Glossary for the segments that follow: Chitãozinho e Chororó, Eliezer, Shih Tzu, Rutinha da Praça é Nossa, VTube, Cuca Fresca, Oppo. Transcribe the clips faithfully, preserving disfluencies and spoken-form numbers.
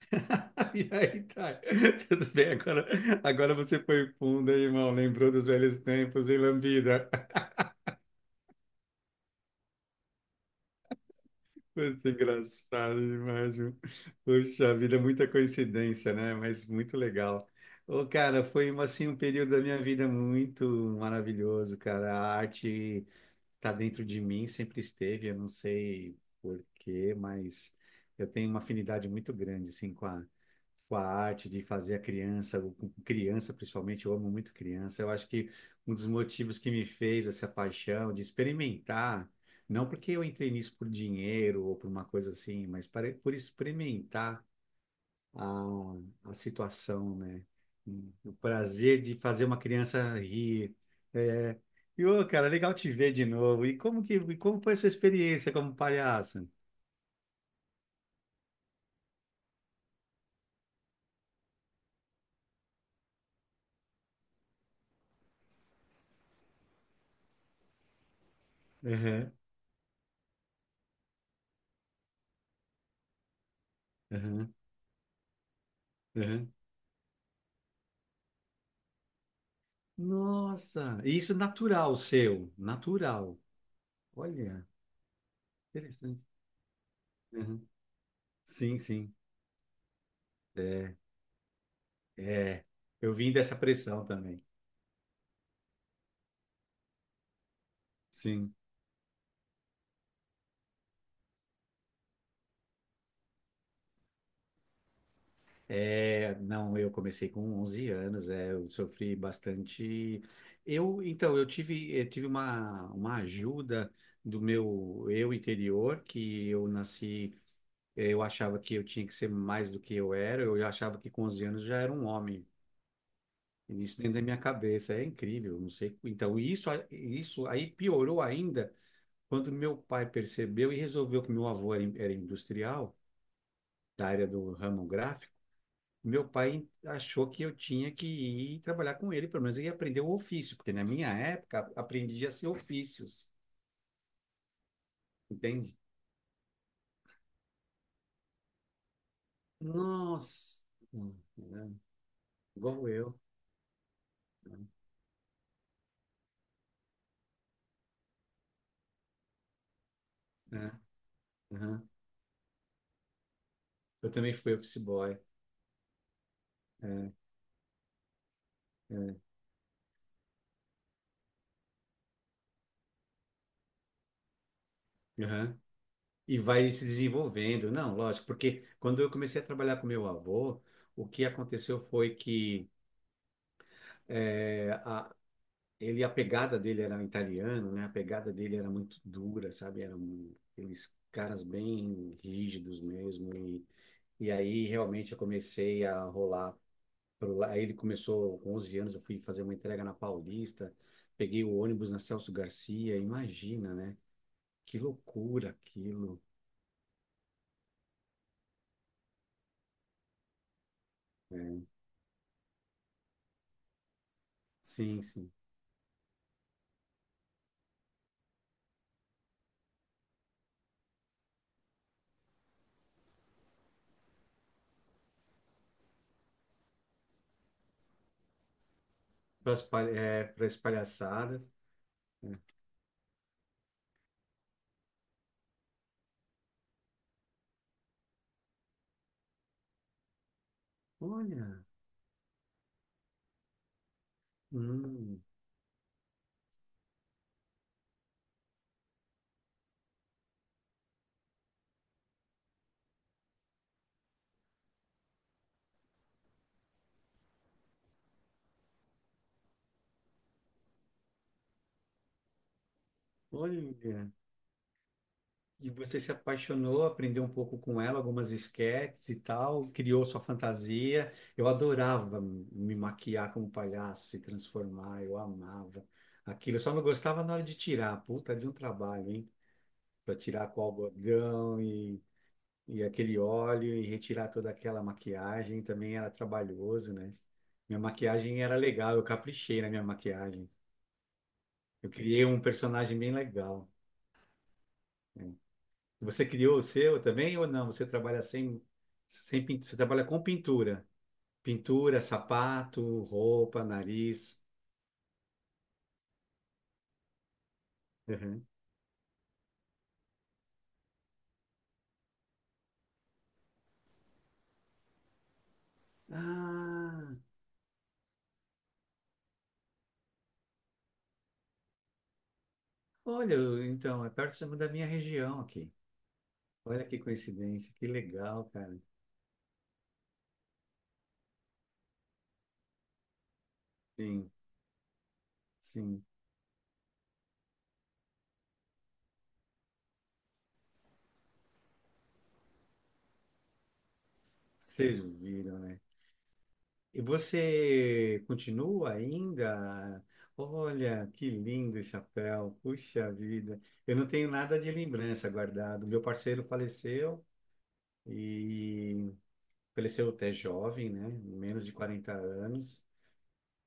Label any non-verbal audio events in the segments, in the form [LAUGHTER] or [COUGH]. [LAUGHS] E aí, tá. Tudo bem, agora, agora você foi fundo, hein, irmão. Lembrou dos velhos tempos, hein, Lambida? [LAUGHS] Foi engraçado demais, viu? Poxa vida, muita coincidência, né? Mas muito legal. Ô, cara, foi uma, assim, um período da minha vida muito maravilhoso, cara. A arte tá dentro de mim, sempre esteve, eu não sei por quê, mas eu tenho uma afinidade muito grande, assim, com a com a arte de fazer a criança, o- com criança principalmente, eu amo muito criança. Eu acho que um dos motivos que me fez essa paixão de experimentar, não porque eu entrei nisso por dinheiro ou por uma coisa assim, mas para, por experimentar a, a situação, né? O prazer de fazer uma criança rir. É, e, ô, cara, legal te ver de novo. E como que, e como foi a sua experiência como palhaço? Uhum, uhum, uhum. Nossa, e isso é natural seu, natural. Olha, interessante. Uhum. Sim, sim. É, é. Eu vim dessa pressão também. Sim. É, não, eu comecei com onze anos, é, eu sofri bastante. Eu, então, eu tive, eu tive uma, uma ajuda do meu eu interior, que eu nasci, eu achava que eu tinha que ser mais do que eu era, eu achava que com onze anos já era um homem. Isso dentro da minha cabeça, é incrível, não sei. Então, isso, a- isso aí piorou ainda quando meu pai percebeu e resolveu que meu avô era, in- era industrial, da área do ramo gráfico. Meu pai achou que eu tinha que ir trabalhar com ele, pelo menos ele aprender o ofício, porque na minha época aprendia-se ofícios, entende? Nossa, Hum, é, igual eu, né? Aham. Eu também fui office boy. É, é. Aham. E vai se desenvolvendo. Não, lógico, porque quando eu comecei a trabalhar com meu avô, o que aconteceu foi que eh, a, ele, a pegada dele era italiano, né? A pegada dele era muito dura, sabe? Eram aqueles caras bem rígidos mesmo. E, e aí realmente eu comecei a rolar. Pro, la- aí ele começou com onze anos, eu fui fazer uma entrega na Paulista, peguei o ônibus na Celso Garcia, imagina, né? Que loucura aquilo, né? Sim, sim. para as palha- é, Pras palhaçadas, né? Olha, hum, olha. E você se apaixonou, aprendeu um pouco com ela, algumas esquetes e tal, criou sua fantasia. Eu adorava me maquiar como palhaço, se transformar, eu amava aquilo. Eu só não gostava na hora de tirar, puta, de um trabalho, hein? Para tirar com algodão e, e aquele óleo e retirar toda aquela maquiagem também era trabalhoso, né? Minha maquiagem era legal, eu caprichei na minha maquiagem. Eu criei um personagem bem legal. Você criou o seu também ou não? Você trabalha sem, sem pin- você trabalha com pintura. Pintura, sapato, roupa, nariz. Uhum. Ah, olha, então, é perto da minha região aqui. Olha que coincidência, que legal, cara. Sim, sim. Serviram, né? E você continua ainda? Olha, que lindo o chapéu, puxa vida. Eu não tenho nada de lembrança guardado. Meu parceiro faleceu e faleceu até jovem, né? Menos de quarenta anos.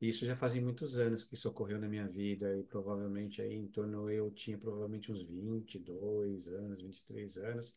Isso já fazem muitos anos que isso ocorreu na minha vida e provavelmente aí em torno eu tinha provavelmente uns vinte, e dois anos, vinte e três anos.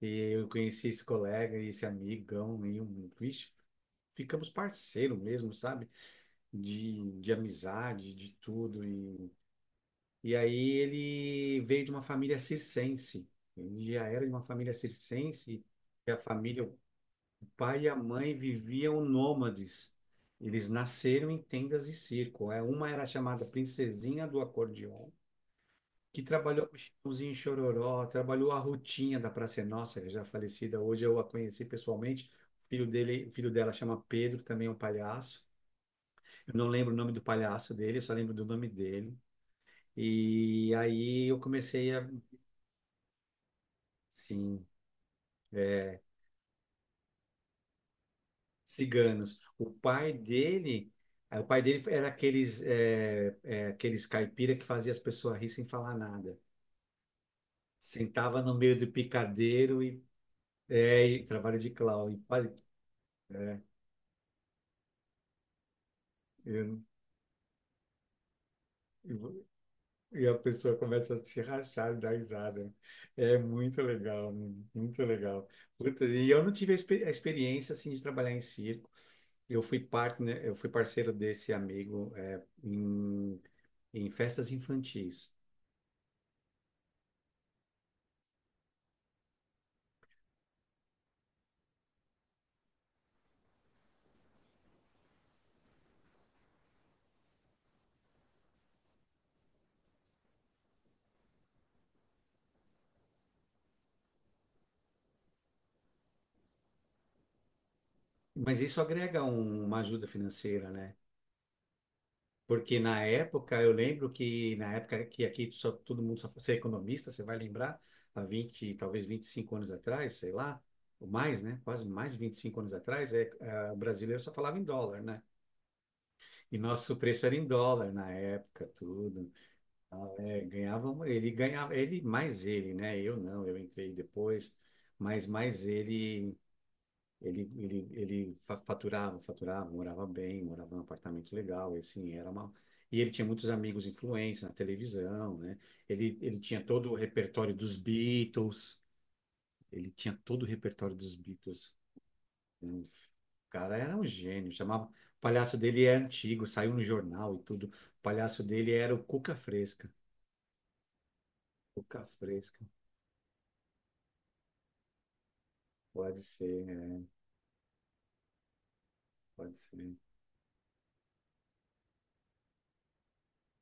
E eu conheci esse colega e esse amigão e um, vixe, ficamos parceiro mesmo, sabe? de, de amizade, de tudo. E, e aí ele veio de uma família circense. Ele já era de uma família circense, e a família, o pai e a mãe viviam nômades. Eles nasceram em tendas de circo. É, Uma era chamada Princesinha do Acordeon, que trabalhou com o Chitãozinho e Chororó, trabalhou a Rutinha da Praça é Nossa, que já é falecida. Hoje eu a conheci pessoalmente. O filho dele, o filho dela chama Pedro, também é um palhaço. Eu não lembro o nome do palhaço dele, eu só lembro do nome dele. E aí eu comecei a, Sim, é, ciganos. O pai dele, eh, o pai dele era aqueles, eh, eh, aqueles caipira que fazia as pessoas rir sem falar nada. Sentava no meio do picadeiro e, é, e trabalho de clown. E, faz- é, eu- eu- e a pessoa começa a se rachar e dar risada. É muito legal, muito legal. Puta, e eu não tive a, expe- a experiência assim de trabalhar em circo. Eu fui partner, eu fui parceiro desse amigo é, em, em festas infantis. Mas isso agrega um- uma ajuda financeira, né? Porque na época, eu lembro que na época que aqui só, todo mundo só você é economista, você vai lembrar, há vinte, talvez vinte e cinco anos atrás, sei lá, ou mais, né? Quase mais de vinte e cinco anos atrás, é, é, o brasileiro só falava em dólar, né? E nosso preço era em dólar na época, tudo. É, ganhava, ele ganhava, ele mais ele, né? Eu não, eu entrei depois, mas mais ele, ele, ele, ele fa- faturava, faturava, morava bem, morava num apartamento legal, e assim, era uma. E ele tinha muitos amigos influentes na televisão, né? Ele, ele tinha todo o repertório dos Beatles, ele tinha todo o repertório dos Beatles, né? O cara era um gênio, chamava, o palhaço dele é antigo, saiu no jornal e tudo. O palhaço dele era o Cuca Fresca. Cuca Fresca. Pode ser, é, pode ser,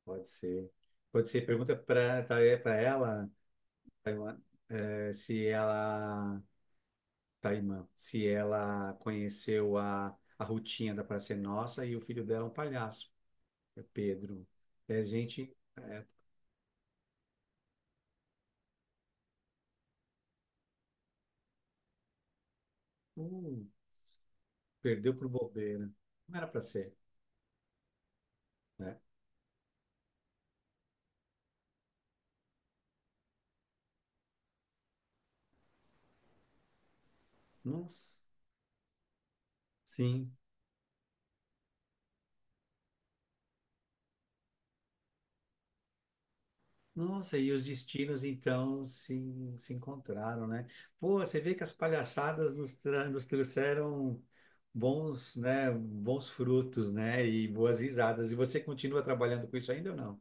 pode ser. Pode ser. Pergunta para para ela, Taiwan, eh, se ela, Taimã, se ela conheceu a, a Rutinha da Praça é Nossa e o filho dela é um palhaço, é Pedro. É gente, é, uh, perdeu por bobeira. Não era para ser, né? Nossa, sim. Nossa, e os destinos então se, se encontraram, né? Pô, você vê que as palhaçadas nos, tra- nos trouxeram bons, né, bons frutos, né, e boas risadas. E você continua trabalhando com isso ainda ou não?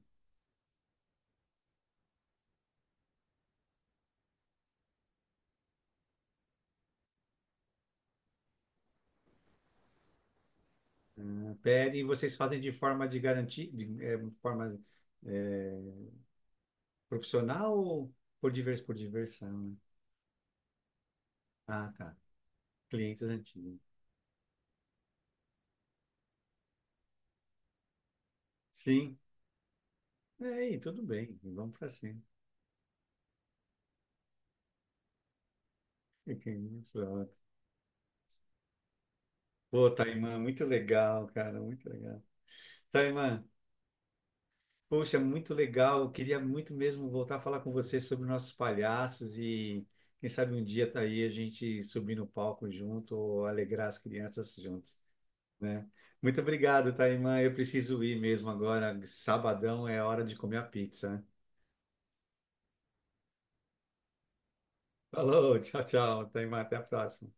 Pede e vocês fazem de forma de garantir, de é, forma é, profissional ou por divers, por diversão, né? Ah, tá. Clientes antigos. Sim. É, e tudo bem. Vamos para cima. [LAUGHS] Ok, pronto. Pô, Taimã, muito legal, cara, muito legal. Taimã, poxa, muito legal. Eu queria muito mesmo voltar a falar com você sobre nossos palhaços e quem sabe um dia tá aí a gente subir no palco junto ou alegrar as crianças juntos, né? Muito obrigado, Taimã. Eu preciso ir mesmo agora. Sabadão é hora de comer a pizza, né? Falou, tchau, tchau, Taimã. Até a próxima.